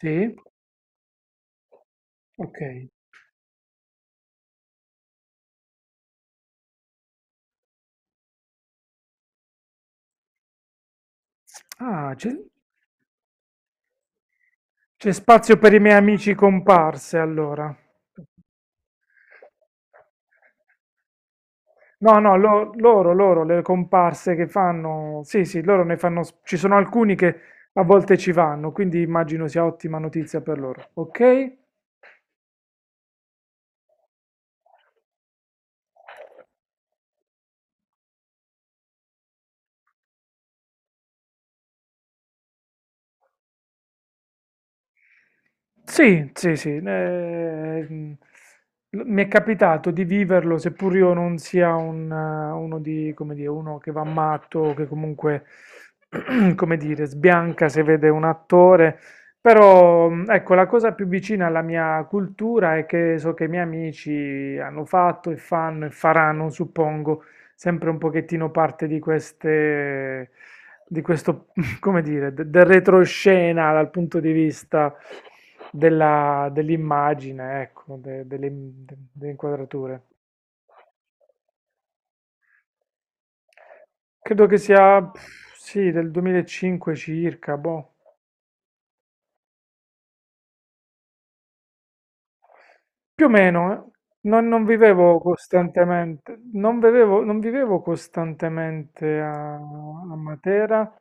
Sì? Ok. Ah, c'è spazio per i miei amici comparse allora. No, no, loro, le comparse che fanno, sì, sì, loro ne fanno, ci sono alcuni che a volte ci vanno, quindi immagino sia ottima notizia per loro. Ok? Sì, sì, sì. Mi è capitato di viverlo, seppur io non sia un, uno di, come dire, uno che va matto, o che comunque, come dire, sbianca se vede un attore. Però, ecco, la cosa più vicina alla mia cultura è che so che i miei amici hanno fatto e fanno e faranno, suppongo, sempre un pochettino parte di queste, di questo, come dire, del retroscena dal punto di vista dell'immagine, ecco, delle inquadrature. Credo che sia, pff, sì, del 2005 circa, boh. Più o meno, eh. Non vivevo costantemente, non vivevo costantemente a, a Matera.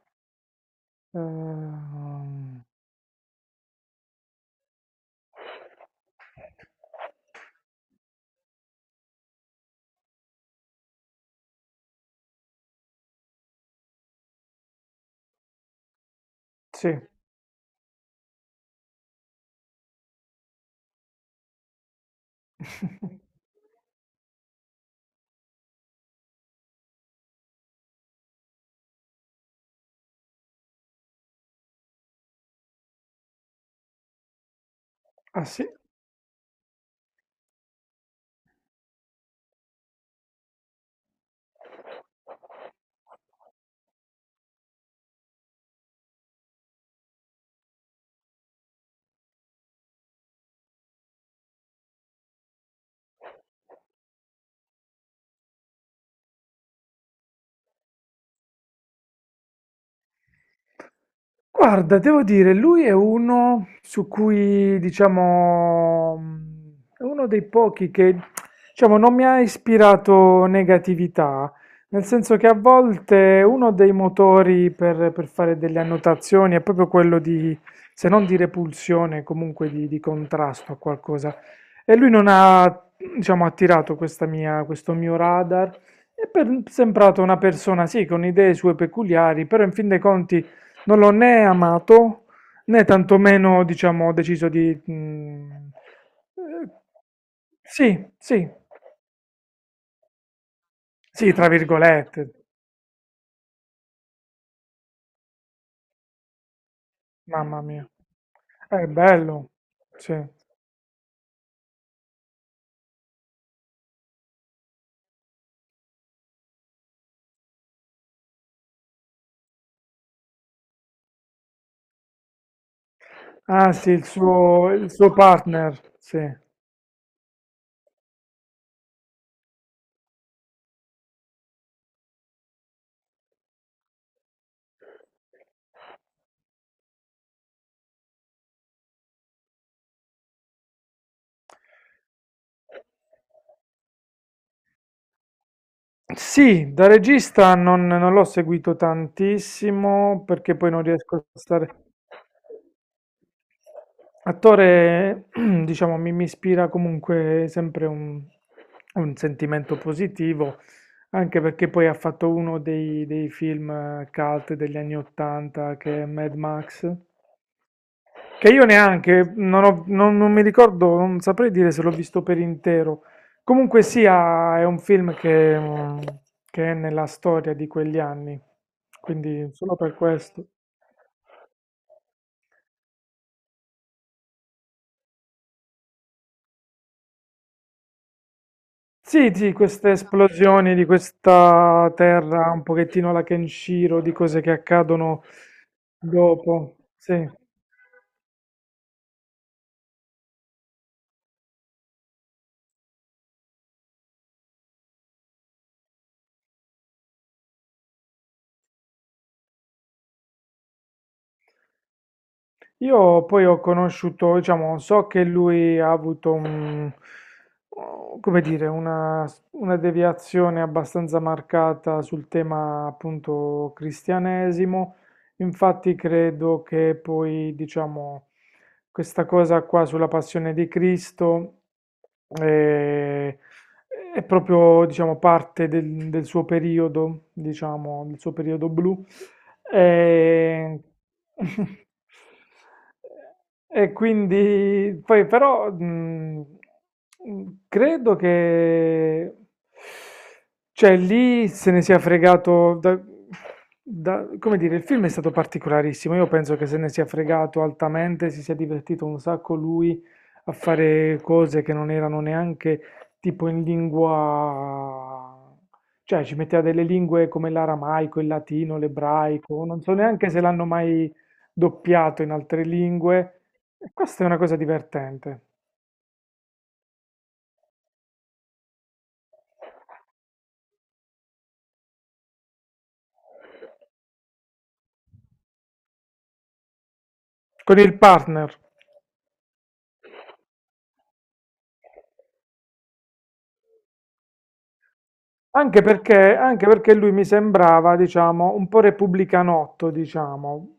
ehm, Sì. Ah sì? Guarda, devo dire, lui è uno su cui, diciamo, è uno dei pochi che, diciamo, non mi ha ispirato negatività, nel senso che a volte uno dei motori per fare delle annotazioni è proprio quello di, se non di repulsione, comunque di contrasto a qualcosa. E lui non ha, diciamo, attirato questo mio radar. Sembrato una persona, sì, con idee sue peculiari, però in fin dei conti... Non l'ho né amato né tantomeno, diciamo, ho deciso di... mm, eh, sì, sì, sì, tra virgolette, mamma mia. È bello, sì. Ah sì, il suo partner, sì. Sì, da regista non l'ho seguito tantissimo perché poi non riesco a stare. Attore, diciamo, mi ispira comunque sempre un sentimento positivo, anche perché poi ha fatto uno dei, dei film cult degli anni 80 che è Mad Max. Che io neanche, non mi ricordo, non saprei dire se l'ho visto per intero. Comunque sia, è un film che, mm, che è nella storia di quegli anni, quindi solo per questo. Sì, sì, queste esplosioni di questa terra, un pochettino la Kenshiro, di cose che accadono dopo. Sì. Io poi ho conosciuto, diciamo, so che lui ha avuto un, come dire, una deviazione abbastanza marcata sul tema appunto cristianesimo. Infatti credo che poi, diciamo, questa cosa qua sulla passione di Cristo eh, è proprio, diciamo, parte del, del suo periodo, diciamo, del suo periodo blu. E, e quindi poi però credo che cioè lì se ne sia fregato come dire, il film è stato particolarissimo. Io penso che se ne sia fregato altamente, si sia divertito un sacco lui a fare cose che non erano neanche tipo in lingua, cioè ci metteva delle lingue come l'aramaico, il latino, l'ebraico, non so neanche se l'hanno mai doppiato in altre lingue. E questa è una cosa divertente. Con il partner. Anche perché lui mi sembrava, diciamo, un po' repubblicanotto, diciamo.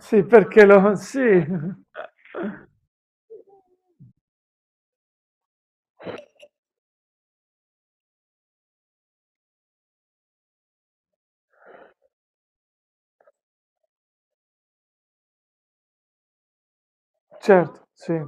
Sì, perché lo... Sì, certo, sì.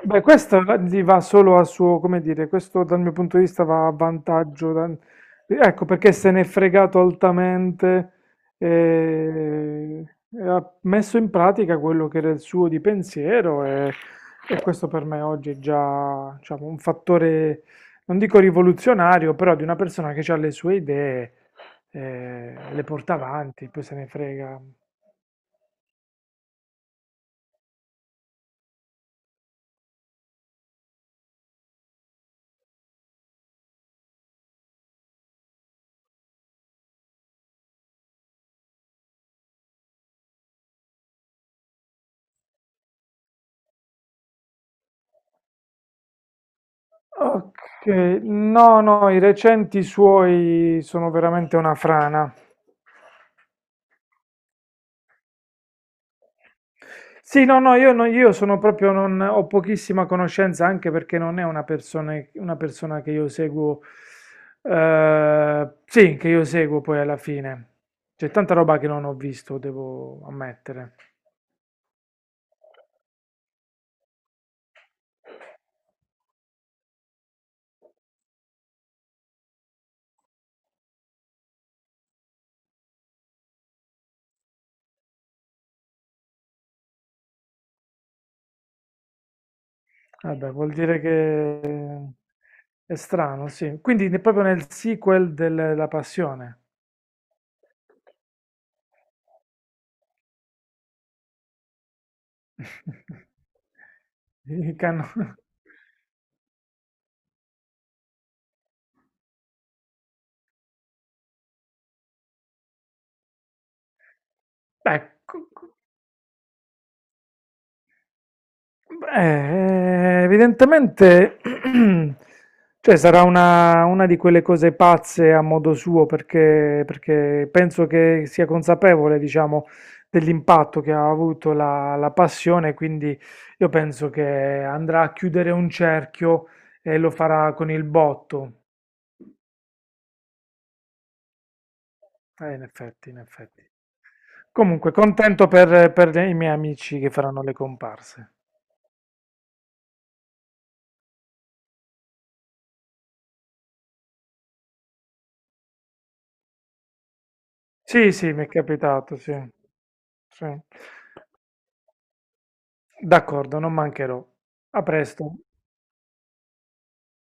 Beh, questo gli va solo a suo, come dire, questo dal mio punto di vista va a vantaggio. Ecco perché se n'è fregato altamente eh, e, ha messo in pratica quello che era il suo di pensiero e questo per me oggi è già, diciamo, un fattore, non dico rivoluzionario, però di una persona che ha le sue idee, le porta avanti, poi se ne frega. Ok, no, no, i recenti suoi sono veramente una frana. Sì, no, no, io, io sono proprio, non, ho pochissima conoscenza anche perché non è una persona che io seguo, sì, che io seguo poi alla fine. C'è tanta roba che non ho visto, devo ammettere. Vabbè, vuol dire che è strano, sì. Quindi proprio nel sequel della Passione. I cano beh, beh, evidentemente, cioè sarà una di quelle cose pazze a modo suo, perché, perché penso che sia consapevole, diciamo, dell'impatto che ha avuto la, la passione, quindi io penso che andrà a chiudere un cerchio e lo farà con il botto. In effetti, in effetti. Comunque, contento per i miei amici che faranno le comparse. Sì, sì, mi è capitato, sì. Sì. D'accordo, non mancherò. A presto.